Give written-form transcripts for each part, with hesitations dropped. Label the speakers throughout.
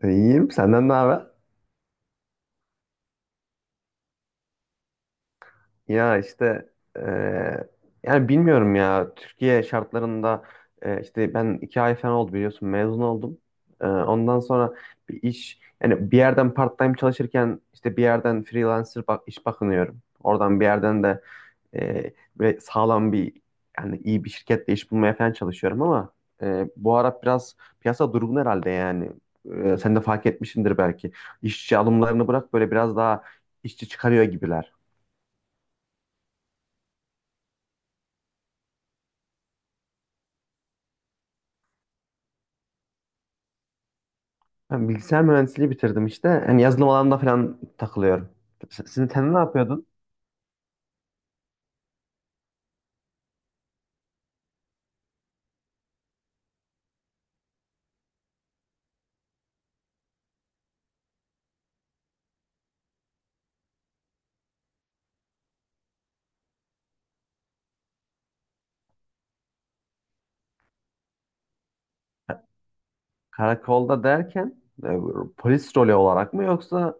Speaker 1: İyiyim. Senden ne haber? Ya işte eee, yani bilmiyorum ya Türkiye şartlarında, işte ben iki ay falan oldu, biliyorsun, mezun oldum. Ondan sonra bir iş yani bir yerden part-time çalışırken, işte bir yerden freelancer, bak, iş bakınıyorum. Oradan bir yerden de böyle sağlam bir, yani iyi bir şirketle iş bulmaya falan çalışıyorum ama bu ara biraz piyasa durgun herhalde yani. Sen de fark etmişsindir belki. İşçi alımlarını bırak, böyle biraz daha işçi çıkarıyor gibiler. Ben bilgisayar mühendisliği bitirdim işte. Hani yazılım alanında falan takılıyorum. Sizin sen ne yapıyordun? Karakolda derken e, polis rolü olarak mı, yoksa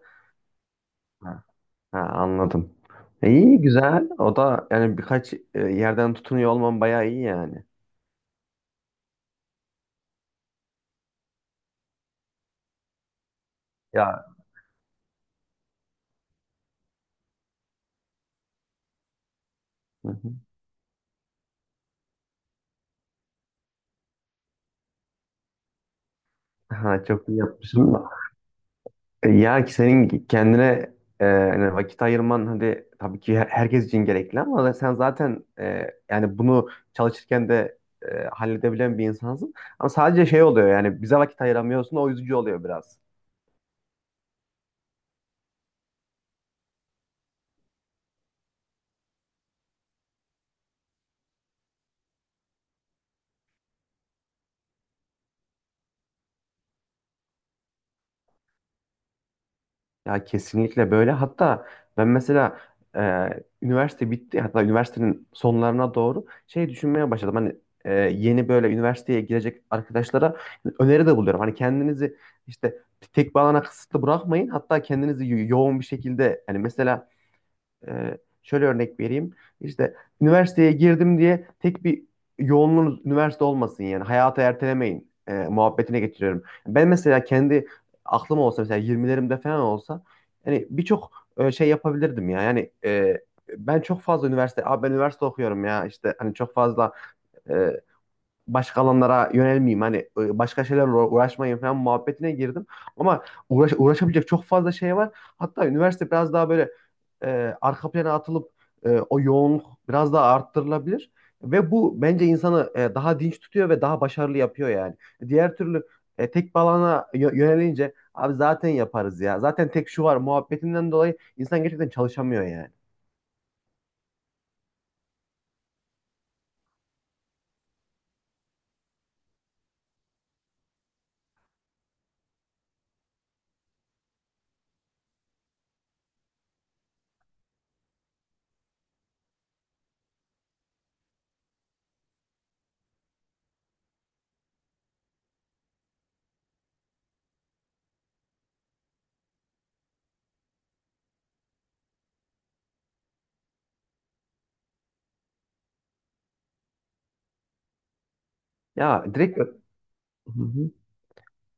Speaker 1: ha, ha, anladım. İyi, güzel. O da yani birkaç yerden tutunuyor olman bayağı iyi yani. Ya. Ha, çok iyi yapmışsın. Ya ki senin kendine hani vakit ayırman hadi tabii ki herkes için gerekli, ama sen zaten, yani bunu çalışırken de halledebilen bir insansın. Ama sadece şey oluyor, yani bize vakit ayıramıyorsun, o üzücü oluyor biraz. Ya kesinlikle böyle. Hatta ben mesela, e, üniversite bitti. Hatta üniversitenin sonlarına doğru şey düşünmeye başladım. Hani yeni böyle üniversiteye girecek arkadaşlara öneri de buluyorum. Hani kendinizi işte tek bir alana kısıtlı bırakmayın. Hatta kendinizi yoğun bir şekilde, hani mesela, şöyle örnek vereyim. İşte üniversiteye girdim diye tek bir yoğunluğunuz üniversite olmasın yani. Hayatı ertelemeyin muhabbetine getiriyorum. Ben mesela kendi aklım olsa, mesela 20'lerimde falan olsa, hani birçok şey yapabilirdim ya. Yani ben çok fazla üniversite, abi ben üniversite okuyorum ya işte, hani çok fazla e, başka alanlara yönelmeyeyim, hani başka şeylerle uğraşmayayım falan muhabbetine girdim. Ama uğraş, uğraşabilecek çok fazla şey var. Hatta üniversite biraz daha böyle arka plana atılıp o yoğunluk biraz daha arttırılabilir. Ve bu bence insanı daha dinç tutuyor ve daha başarılı yapıyor yani. Diğer türlü tek bir alana yönelince abi zaten yaparız ya. Zaten tek şu var muhabbetinden dolayı insan gerçekten çalışamıyor yani. Ya direkt. Hı hı.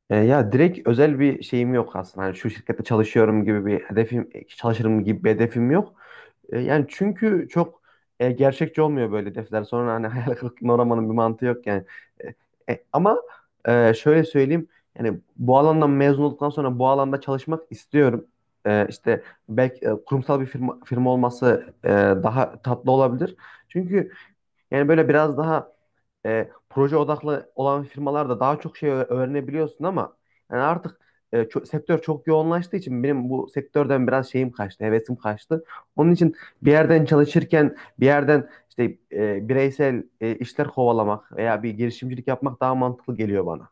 Speaker 1: Ya direkt özel bir şeyim yok aslında. Hani şu şirkette çalışıyorum gibi bir hedefim, çalışırım gibi bir hedefim yok. Yani çünkü çok gerçekçi olmuyor böyle hedefler. Sonra hani hayal kırıklığına uğramanın bir mantığı yok yani. E, ama şöyle söyleyeyim. Yani bu alandan mezun olduktan sonra bu alanda çalışmak istiyorum. İşte belki kurumsal firma olması daha tatlı olabilir. Çünkü yani böyle biraz daha proje odaklı olan firmalarda daha çok şey öğrenebiliyorsun, ama yani artık sektör çok yoğunlaştığı için benim bu sektörden biraz şeyim kaçtı, hevesim kaçtı. Onun için bir yerden çalışırken, bir yerden işte bireysel işler kovalamak veya bir girişimcilik yapmak daha mantıklı geliyor bana.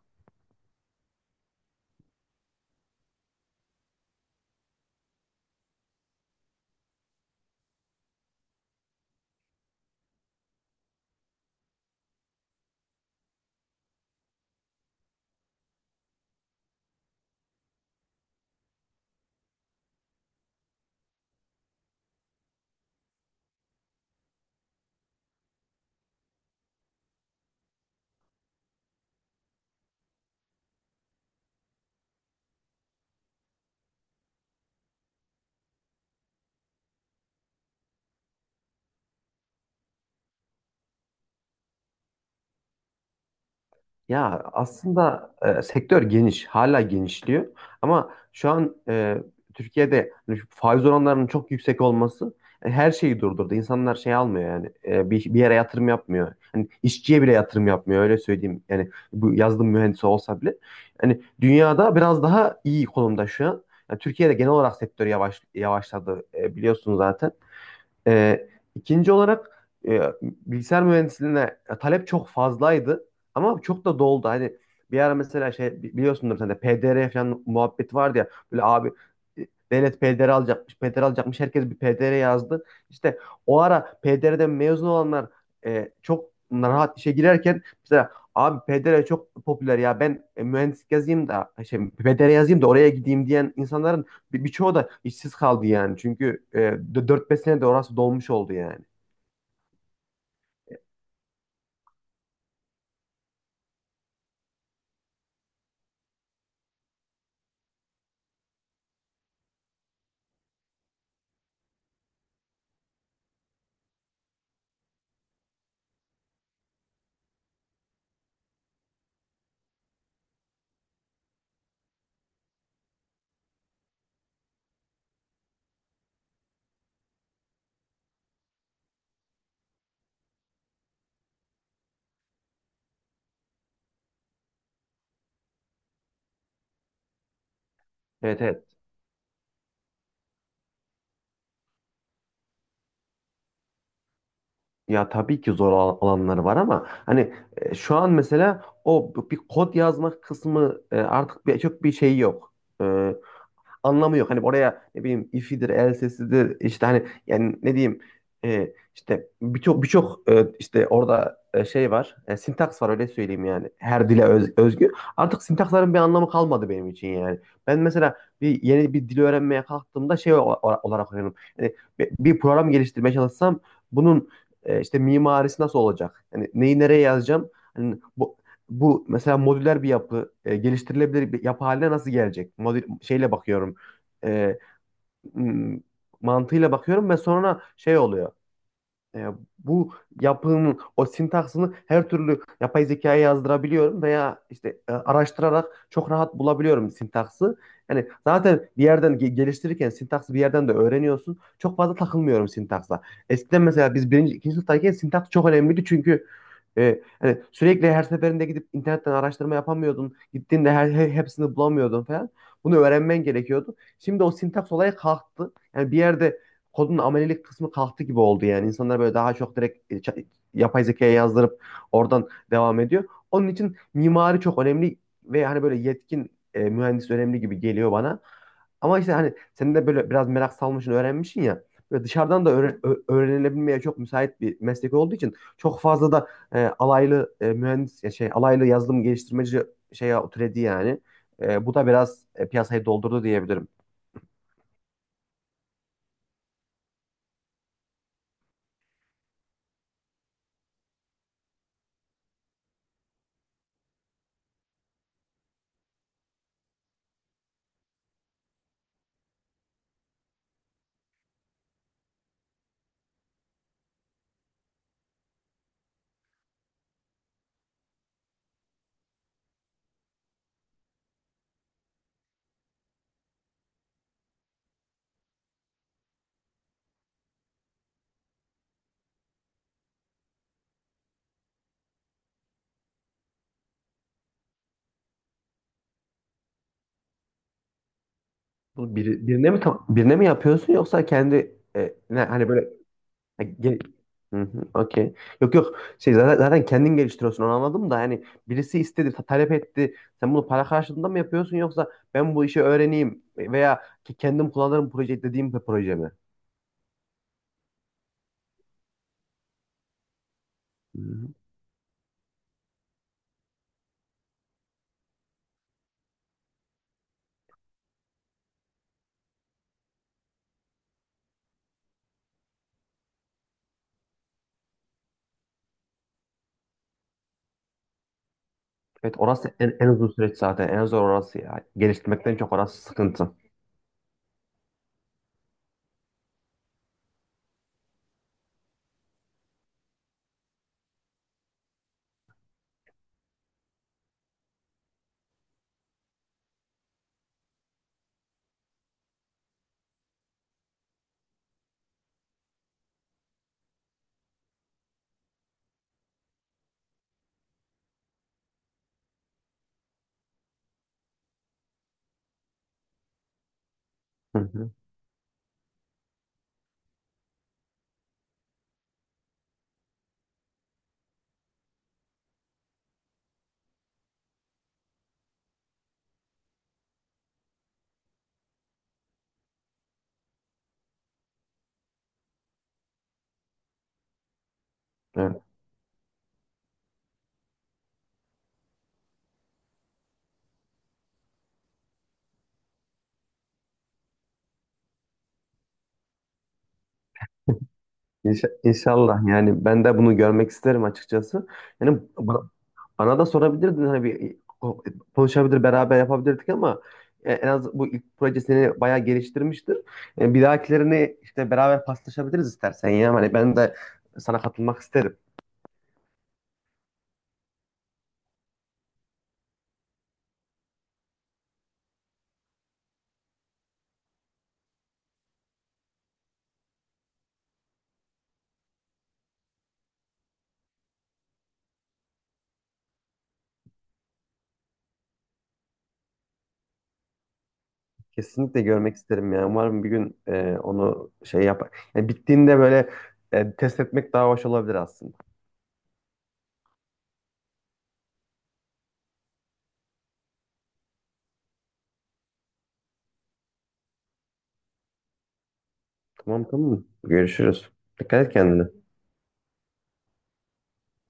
Speaker 1: Ya aslında sektör geniş, hala genişliyor. Ama şu an Türkiye'de hani şu faiz oranlarının çok yüksek olması her şeyi durdurdu. İnsanlar şey almıyor yani, bir yere yatırım yapmıyor. Hani işçiye bile yatırım yapmıyor, öyle söyleyeyim. Yani bu yazılım mühendisi olsa bile. Yani dünyada biraz daha iyi konumda şu an. Yani Türkiye'de genel olarak sektör yavaşladı, biliyorsunuz zaten. Ee, ikinci olarak bilgisayar mühendisliğine talep çok fazlaydı, ama çok da doldu. Hani bir ara mesela şey, biliyorsundur sen de, PDR falan muhabbeti vardı ya. Böyle abi, devlet PDR alacakmış, PDR alacakmış, herkes bir PDR yazdı. İşte o ara PDR'den mezun olanlar çok rahat işe girerken, mesela abi PDR çok popüler ya, ben mühendislik yazayım da şey, PDR yazayım da oraya gideyim diyen insanların birçoğu da işsiz kaldı yani. Çünkü 4-5 senede orası dolmuş oldu yani. Evet, evet. Ya tabii ki zor alanları var, ama hani şu an mesela o bir kod yazmak kısmı artık çok bir şey yok. E, anlamı yok. Hani oraya ne bileyim, ifidir, elsesidir işte, hani yani ne diyeyim, işte birçok işte orada şey var. Sintaks var, öyle söyleyeyim yani. Her dile özgü. Artık sintaksların bir anlamı kalmadı benim için yani. Ben mesela yeni bir dil öğrenmeye kalktığımda şey olarak öğreniyorum. Yani bir program geliştirmeye çalışsam, bunun işte mimarisi nasıl olacak? Yani neyi nereye yazacağım? Hani bu mesela modüler bir yapı, geliştirilebilir bir yapı haline nasıl gelecek? Modül şeyle bakıyorum, e, m- mantığıyla bakıyorum ve sonra şey oluyor. E, bu yapının o sintaksını her türlü yapay zekaya yazdırabiliyorum, veya işte araştırarak çok rahat bulabiliyorum sintaksı. Yani zaten bir yerden geliştirirken sintaksı bir yerden de öğreniyorsun. Çok fazla takılmıyorum sintaksa. Eskiden mesela biz birinci, ikinci sınıftayken sintaks çok önemliydi, çünkü hani sürekli her seferinde gidip internetten araştırma yapamıyordun. Gittiğinde hepsini bulamıyordun falan. Bunu öğrenmen gerekiyordu. Şimdi o sintaks olayı kalktı. Yani bir yerde kodun amelilik kısmı kalktı gibi oldu yani. İnsanlar böyle daha çok direkt, yapay zekaya yazdırıp oradan devam ediyor. Onun için mimari çok önemli ve hani böyle yetkin mühendis önemli gibi geliyor bana. Ama işte hani sen de böyle biraz merak salmışsın, öğrenmişsin ya. Böyle dışarıdan da öğrenilebilmeye çok müsait bir meslek olduğu için çok fazla da alaylı mühendis, ya şey, alaylı yazılım geliştirmeci şeye türedi yani. Bu da biraz piyasayı doldurdu diyebilirim. Bunu birine mi, birine mi yapıyorsun, yoksa kendi ne, hani böyle e, ge- Hı hı, okey. Yok, yok. Şey zaten kendin geliştiriyorsun, onu anladım da hani birisi istedi, talep etti. Sen bunu para karşılığında mı yapıyorsun, yoksa ben bu işi öğreneyim veya ki kendim kullanırım proje dediğim bir proje mi? Hı hı. Evet, orası en uzun süreç zaten. En zor orası ya. Geliştirmekten çok orası sıkıntı. Hı hı. Evet. İnşallah, yani ben de bunu görmek isterim açıkçası. Yani bana da sorabilirdin, hani bir konuşabilir, beraber yapabilirdik ama en az bu ilk proje seni bayağı geliştirmiştir. Bir dahakilerini işte beraber paslaşabiliriz istersen ya. Hani ben de sana katılmak isterim. Kesinlikle görmek isterim ya. Umarım bir gün onu şey yapar. Yani bittiğinde böyle test etmek daha hoş olabilir aslında. Tamam, tamam. Görüşürüz. Dikkat et kendine.